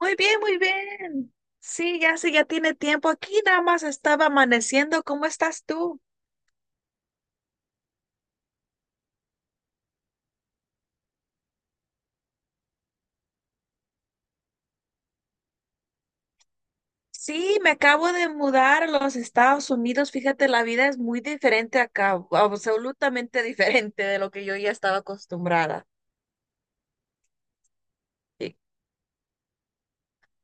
Muy bien, muy bien. Sí, ya sí, ya tiene tiempo. Aquí nada más estaba amaneciendo. ¿Cómo estás tú? Sí, me acabo de mudar a los Estados Unidos. Fíjate, la vida es muy diferente acá, absolutamente diferente de lo que yo ya estaba acostumbrada. Y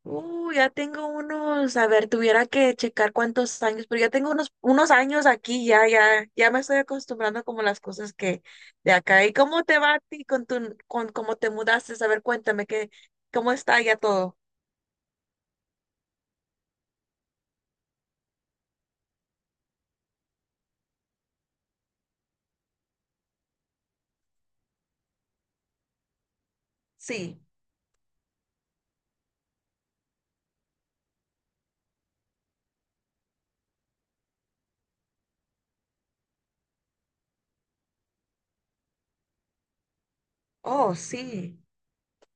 Ya tengo unos, a ver, tuviera que checar cuántos años, pero ya tengo unos, unos años aquí, ya, ya, ya me estoy acostumbrando como a las cosas que de acá. ¿Y cómo te va a ti con tu, con cómo te mudaste? A ver, cuéntame que, cómo está ya todo. Sí. Oh, sí.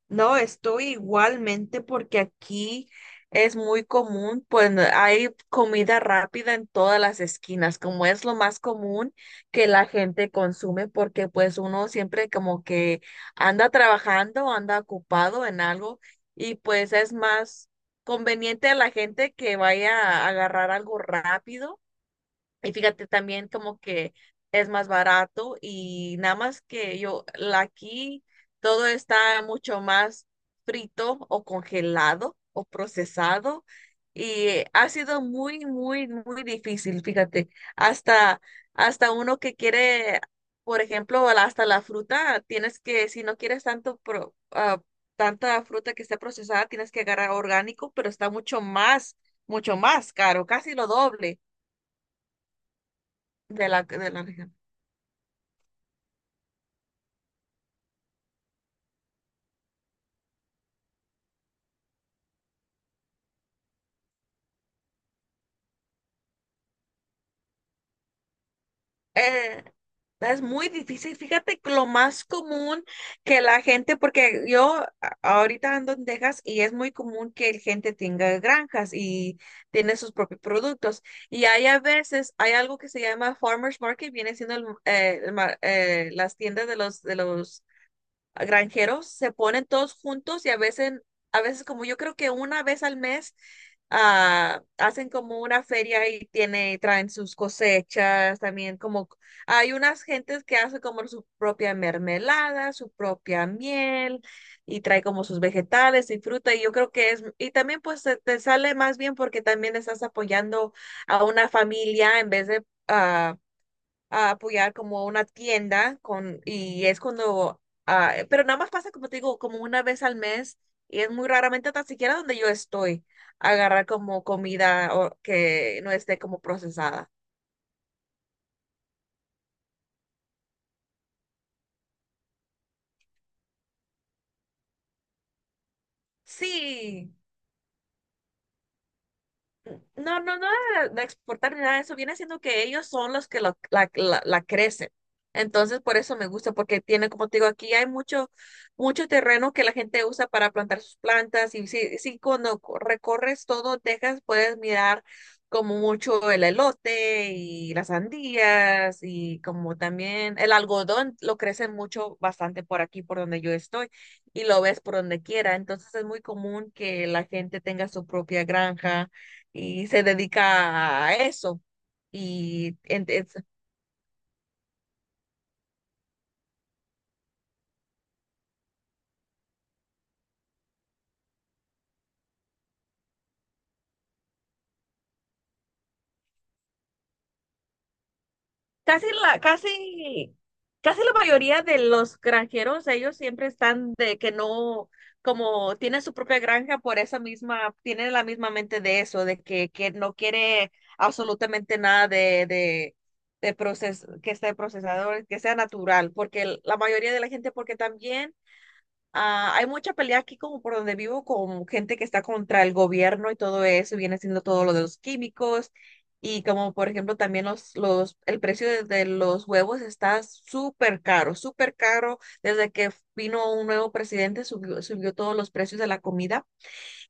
No, estoy igualmente porque aquí es muy común, pues hay comida rápida en todas las esquinas, como es lo más común que la gente consume, porque pues uno siempre como que anda trabajando, anda ocupado en algo y pues es más conveniente a la gente que vaya a agarrar algo rápido y fíjate también como que es más barato y nada más que yo, aquí todo está mucho más frito o congelado o procesado y ha sido muy, muy, muy difícil, fíjate, hasta, hasta uno que quiere, por ejemplo, hasta la fruta, tienes que, si no quieres tanto, tanta fruta que esté procesada, tienes que agarrar orgánico, pero está mucho más caro, casi lo doble de la región. Eh, es muy difícil. Fíjate que lo más común que la gente, porque yo ahorita ando en Texas y es muy común que la gente tenga granjas y tiene sus propios productos. Y hay a veces, hay algo que se llama Farmers Market, viene siendo las tiendas de los granjeros, se ponen todos juntos y a veces como yo creo que una vez al mes hacen como una feria y tiene, traen sus cosechas, también como hay unas gentes que hacen como su propia mermelada, su propia miel y trae como sus vegetales y fruta y yo creo que es, y también pues te sale más bien porque también estás apoyando a una familia en vez de... ah, a apoyar como una tienda con, y es cuando, pero nada más pasa, como te digo, como una vez al mes y es muy raramente tan siquiera donde yo estoy, agarrar como comida o que no esté como procesada. Sí. No, no, no de exportar ni nada de eso. Viene siendo que ellos son los que la, la crecen. Entonces, por eso me gusta, porque tiene, como te digo, aquí hay mucho, mucho terreno que la gente usa para plantar sus plantas. Y si, si cuando recorres todo Texas, puedes mirar como mucho el elote y las sandías y como también el algodón, lo crecen mucho, bastante por aquí, por donde yo estoy, y lo ves por donde quiera. Entonces, es muy común que la gente tenga su propia granja y se dedica a eso. Y en- es- Casi la, casi, casi la mayoría de los granjeros, ellos siempre están de que no, como tienen su propia granja, por esa misma, tienen la misma mente de eso, de que no quiere absolutamente nada de, de, que esté procesado, que sea natural, porque la mayoría de la gente, porque también hay mucha pelea aquí como por donde vivo con gente que está contra el gobierno y todo eso, y viene siendo todo lo de los químicos y como por ejemplo también el precio de los huevos está súper caro, súper caro. Desde que vino un nuevo presidente subió, subió todos los precios de la comida.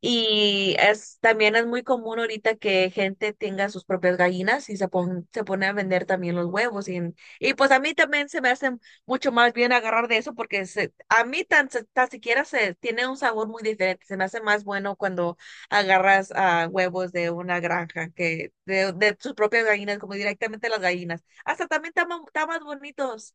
Y es, también es muy común ahorita que gente tenga sus propias gallinas y se, se pone a vender también los huevos. Y pues a mí también se me hace mucho más bien agarrar de eso porque se, tan siquiera se tiene un sabor muy diferente. Se me hace más bueno cuando agarras huevos de una granja que de sus propias gallinas, como directamente las gallinas. Hasta también están más bonitos.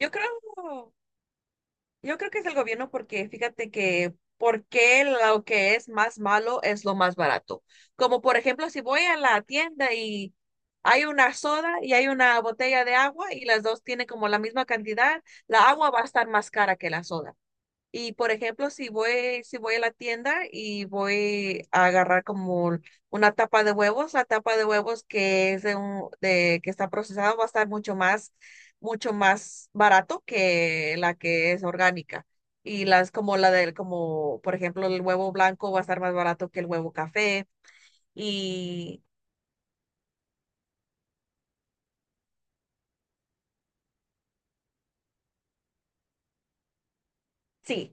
Yo creo. Yo creo que es el gobierno porque fíjate que porque lo que es más malo es lo más barato. Como por ejemplo, si voy a la tienda y hay una soda y hay una botella de agua y las dos tienen como la misma cantidad, la agua va a estar más cara que la soda. Y por ejemplo, si voy a la tienda y voy a agarrar como una tapa de huevos, la tapa de huevos que es de un, de que está procesada va a estar mucho más barato que la que es orgánica. Y las como la del, como por ejemplo el huevo blanco va a estar más barato que el huevo café. Y sí,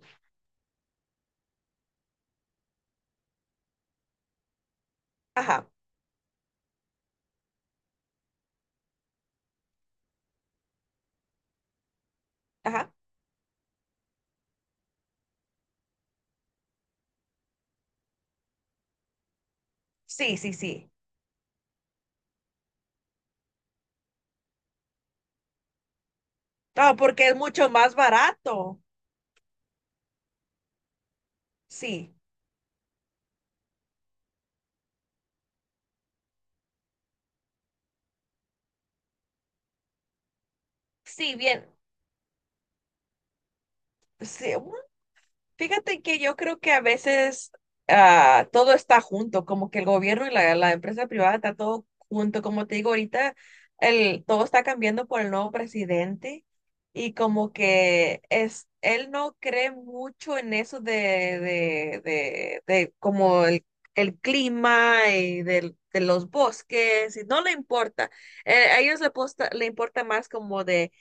ajá, ajá, sí, sí, sí. No, porque es mucho más barato. Sí, sí, bien. Sí, fíjate que yo creo que a veces todo está junto, como que el gobierno y la empresa privada está todo junto. Como te digo, ahorita el, todo está cambiando por el nuevo presidente y como que es, él no cree mucho en eso de como el clima y de los bosques y no le importa. A ellos le, le importa más como de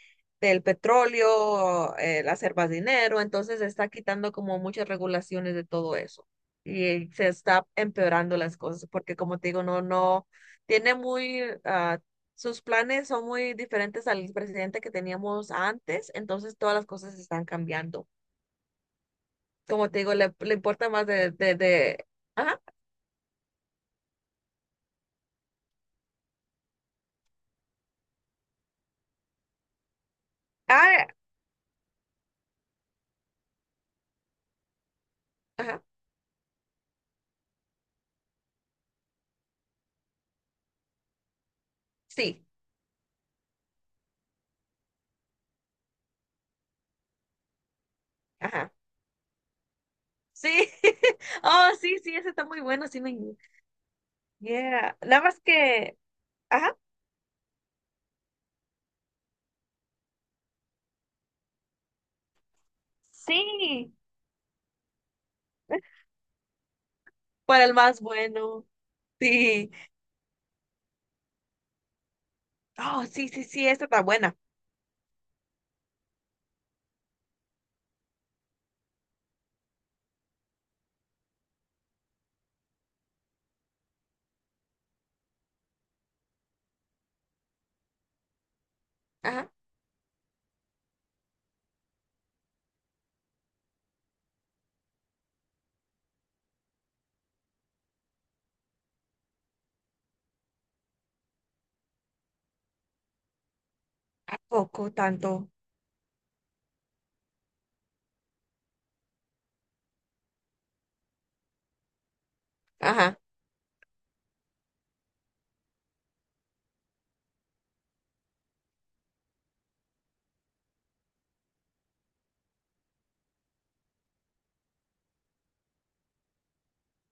del petróleo, el hacer más dinero, entonces se está quitando como muchas regulaciones de todo eso y se está empeorando las cosas porque como te digo, no, no, tiene muy, sus planes son muy diferentes al presidente que teníamos antes, entonces todas las cosas están cambiando. Como te digo, le importa más de, ajá, ah, ajá, sí, ajá. Sí, oh, sí, sí, ese está muy bueno, sí me, yeah, nada más que, ajá, sí, para el más bueno. Sí. Oh, sí, sí, sí, esta está buena. Ajá. ¿A poco tanto? Ajá.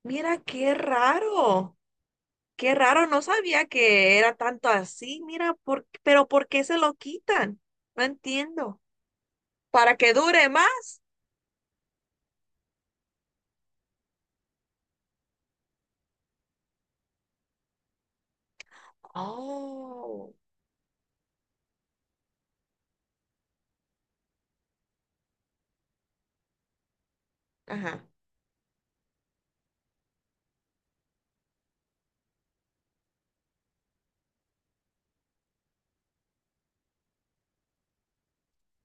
Mira, qué raro. Qué raro, no sabía que era tanto así. Mira, por, pero ¿por qué se lo quitan? No entiendo. ¿Para que dure más? Oh, ajá.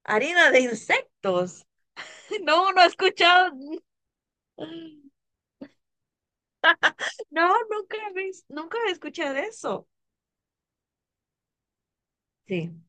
Harina de insectos. No, no he escuchado. No, nunca he escuchado eso. Sí.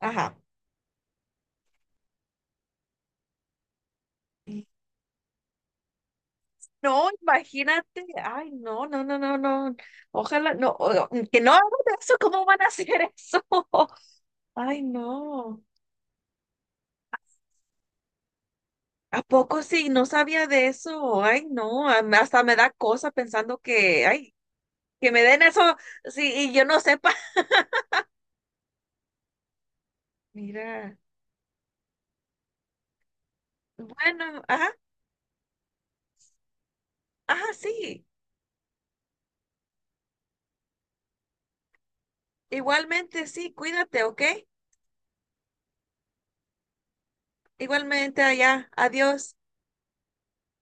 Ajá. No, imagínate, ay, no, no, no, no, no, ojalá, que no hagan eso, ¿cómo van a hacer eso? Ay, no, ¿a poco sí? No sabía de eso, ay, no, hasta me da cosa pensando que, ay, que me den eso, sí, y yo no sepa. Mira, bueno, ajá, ajá, sí, igualmente, sí, cuídate, ¿ok? Igualmente allá, adiós.